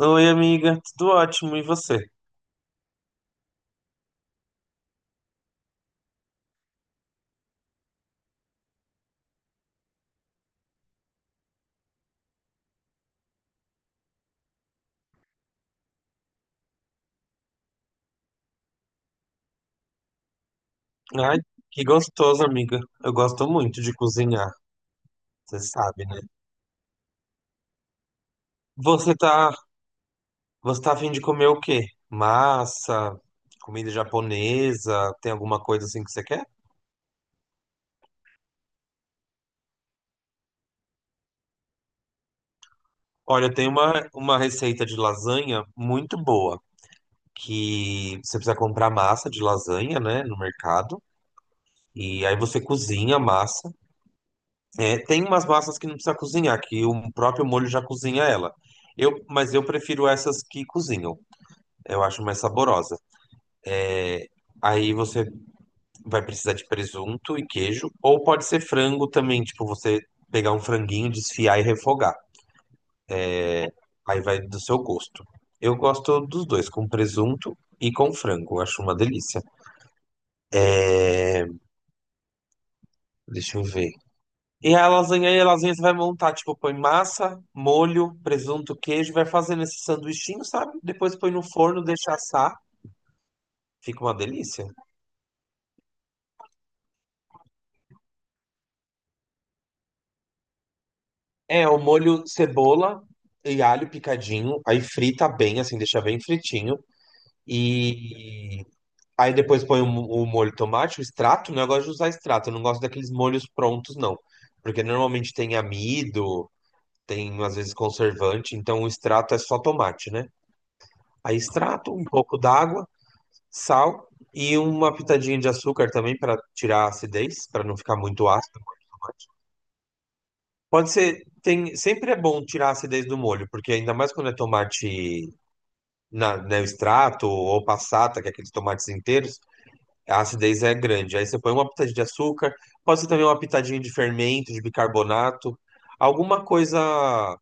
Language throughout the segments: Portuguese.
Oi, amiga, tudo ótimo, e você? Ai, que gostoso, amiga. Eu gosto muito de cozinhar, você sabe, né? Você tá, você tá a fim de comer o quê? Massa, comida japonesa, tem alguma coisa assim que você quer? Olha, tem uma receita de lasanha muito boa, que você precisa comprar massa de lasanha, né, no mercado. E aí você cozinha a massa. É, tem umas massas que não precisa cozinhar, que o próprio molho já cozinha ela. Mas eu prefiro essas que cozinham. Eu acho mais saborosa. Aí você vai precisar de presunto e queijo, ou pode ser frango também, tipo você pegar um franguinho, desfiar e refogar. Aí vai do seu gosto. Eu gosto dos dois, com presunto e com frango. Eu acho uma delícia. Deixa eu ver. E a lasanha, você vai montar, tipo, põe massa, molho, presunto, queijo, vai fazendo esse sanduichinho, sabe? Depois põe no forno, deixa assar. Fica uma delícia. É, o molho cebola e alho picadinho, aí frita bem, assim, deixa bem fritinho. E aí depois põe o molho de tomate, o extrato, né? Eu gosto de usar extrato, eu não gosto daqueles molhos prontos, não. Porque normalmente tem amido, tem às vezes conservante, então o extrato é só tomate, né? Aí extrato, um pouco d'água, sal e uma pitadinha de açúcar também para tirar a acidez, para não ficar muito ácido. Pode ser, tem, sempre é bom tirar a acidez do molho, porque ainda mais quando é tomate na, né, o extrato ou passata, que é aqueles tomates inteiros. A acidez é grande. Aí você põe uma pitadinha de açúcar, pode ser também uma pitadinha de fermento, de bicarbonato, alguma coisa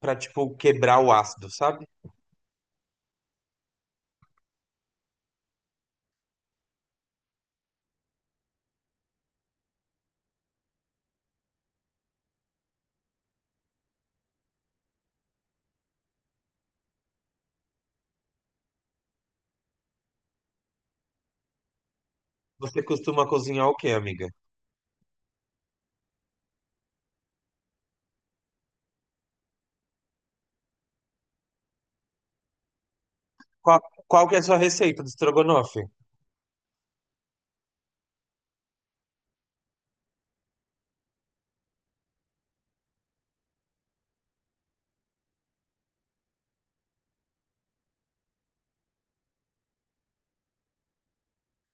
pra, tipo, quebrar o ácido, sabe? Você costuma cozinhar o quê, amiga? Qual, qual que é a sua receita de estrogonofe?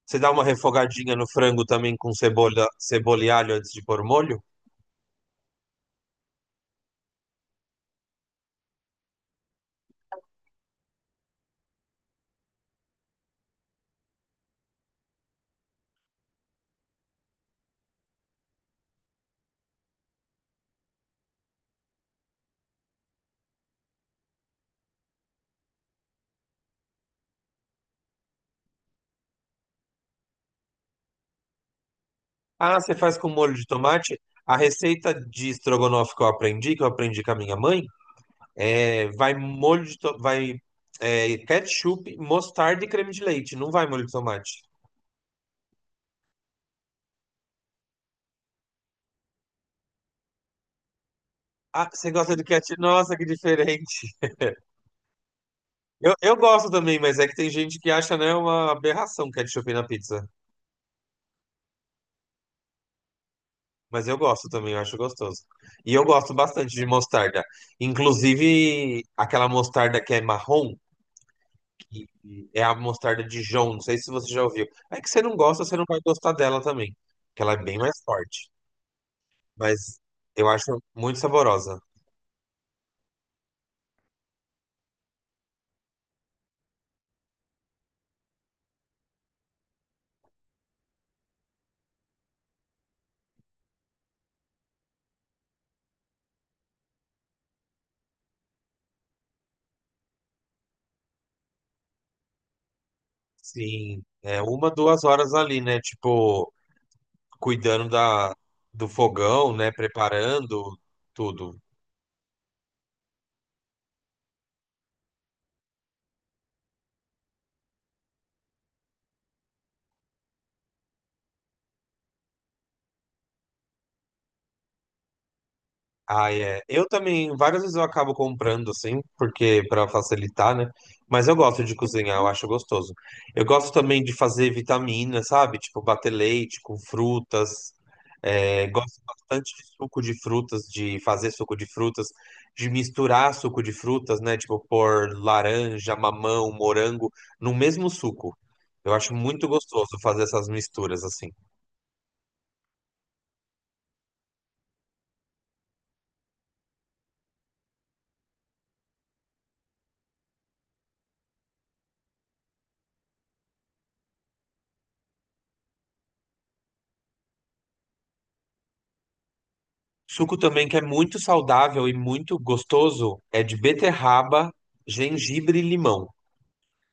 Você dá uma refogadinha no frango também com cebola, cebola e alho antes de pôr molho? Ah, você faz com molho de tomate? A receita de estrogonofe que eu aprendi com a minha mãe. É, vai molho de to- vai é, ketchup, mostarda e creme de leite. Não vai molho de tomate. Ah, você gosta de ketchup? Nossa, que diferente. Eu gosto também, mas é que tem gente que acha, né, uma aberração ketchup na pizza. Mas eu gosto também, eu acho gostoso. E eu gosto bastante de mostarda. Inclusive, aquela mostarda que é marrom, que é a mostarda Dijon, não sei se você já ouviu. É que você não gosta, você não vai gostar dela também, que ela é bem mais forte. Mas eu acho muito saborosa. Sim, é uma, duas horas ali, né? Tipo, cuidando da, do fogão, né? Preparando tudo. Ah, é. Eu também, várias vezes eu acabo comprando, assim, porque para facilitar, né? Mas eu gosto de cozinhar, eu acho gostoso. Eu gosto também de fazer vitamina, sabe? Tipo, bater leite com frutas. É, gosto bastante de suco de frutas, de fazer suco de frutas, de misturar suco de frutas, né? Tipo, pôr laranja, mamão, morango no mesmo suco. Eu acho muito gostoso fazer essas misturas, assim. Suco também que é muito saudável e muito gostoso é de beterraba, gengibre e limão.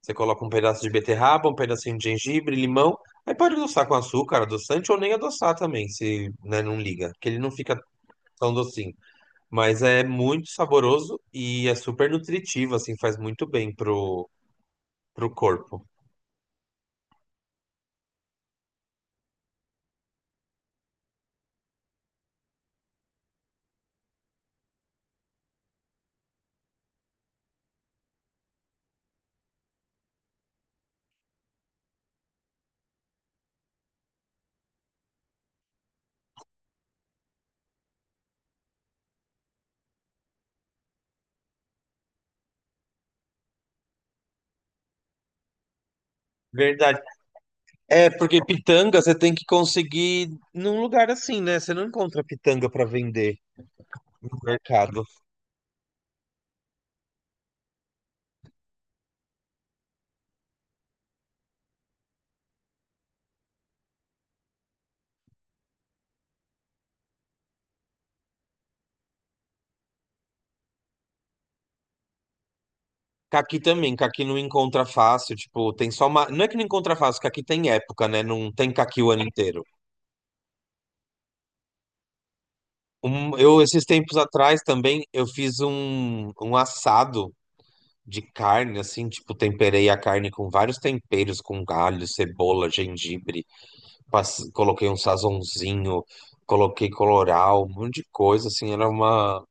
Você coloca um pedaço de beterraba, um pedacinho de gengibre, limão. Aí pode adoçar com açúcar, adoçante, ou nem adoçar também, se, né, não liga, que ele não fica tão docinho. Mas é muito saboroso e é super nutritivo, assim, faz muito bem pro corpo. Verdade. É, porque pitanga você tem que conseguir num lugar assim, né? Você não encontra pitanga para vender no mercado. Caqui também, caqui não encontra fácil, tipo, tem só uma. Não é que não encontra fácil, caqui tem época, né? Não tem caqui o ano inteiro. Eu, esses tempos atrás também, eu fiz um assado de carne, assim, tipo, temperei a carne com vários temperos, com galho, cebola, gengibre, coloquei um sazonzinho, coloquei colorau, um monte de coisa, assim, era uma.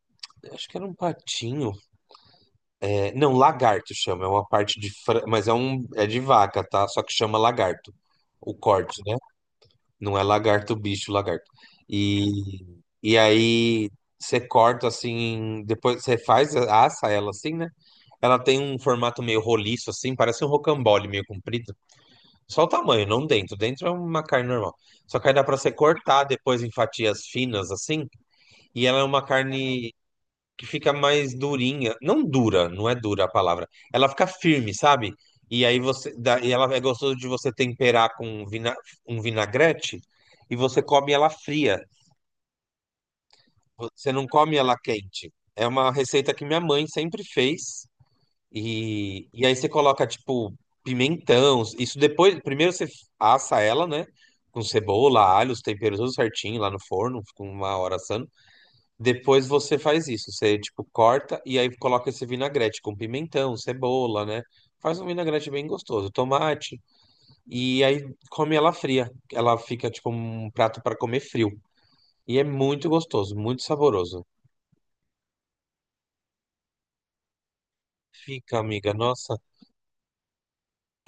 Acho que era um patinho. É, não, lagarto chama, é uma parte mas é um é de vaca, tá? Só que chama lagarto. O corte, né? Não é lagarto, bicho, lagarto. E e aí você corta assim, depois você faz assa ela assim, né? Ela tem um formato meio roliço assim, parece um rocambole meio comprido. Só o tamanho, não dentro. Dentro é uma carne normal. Só que aí dá pra você cortar depois em fatias finas assim, e ela é uma carne que fica mais durinha. Não dura, não é dura a palavra. Ela fica firme, sabe? E aí você. Dá- E ela é gostoso de você temperar um vinagrete e você come ela fria. Você não come ela quente. É uma receita que minha mãe sempre fez. E aí você coloca, tipo, pimentão. Isso depois. Primeiro você assa ela, né? Com cebola, alho, os temperos tudo certinho lá no forno, com uma hora assando. Depois você faz isso, você tipo corta e aí coloca esse vinagrete com pimentão, cebola, né? Faz um vinagrete bem gostoso, tomate e aí come ela fria. Ela fica tipo um prato para comer frio. E é muito gostoso, muito saboroso. Fica, amiga, nossa.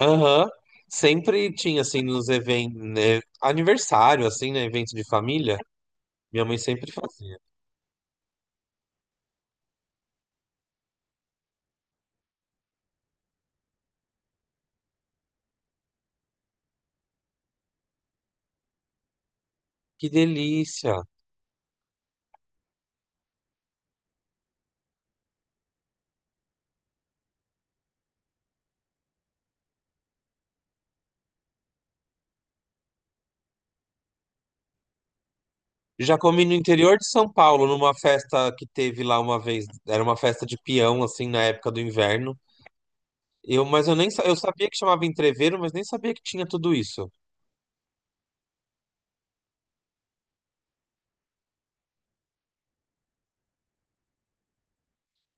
Aham. Sempre tinha assim nos eventos, né? Aniversário assim, né, evento de família, minha mãe sempre fazia. Que delícia. Já comi no interior de São Paulo, numa festa que teve lá uma vez. Era uma festa de peão, assim, na época do inverno. Eu, mas eu nem sa- eu sabia que chamava entreveiro, mas nem sabia que tinha tudo isso.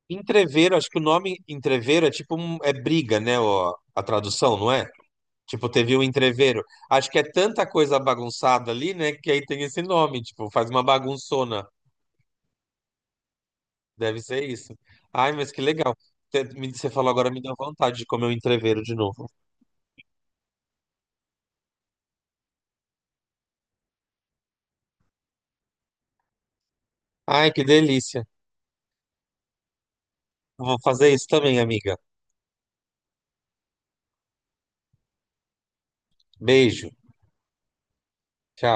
Entreveiro, acho que o nome entreveiro é briga, né? Ó, a tradução, não é? Tipo, teve um entreveiro. Acho que é tanta coisa bagunçada ali, né? Que aí tem esse nome, tipo, faz uma bagunçona. Deve ser isso. Ai, mas que legal. Você falou agora, me deu vontade de comer um entreveiro de novo. Ai, que delícia. Vou fazer isso também, amiga. Beijo. Tchau.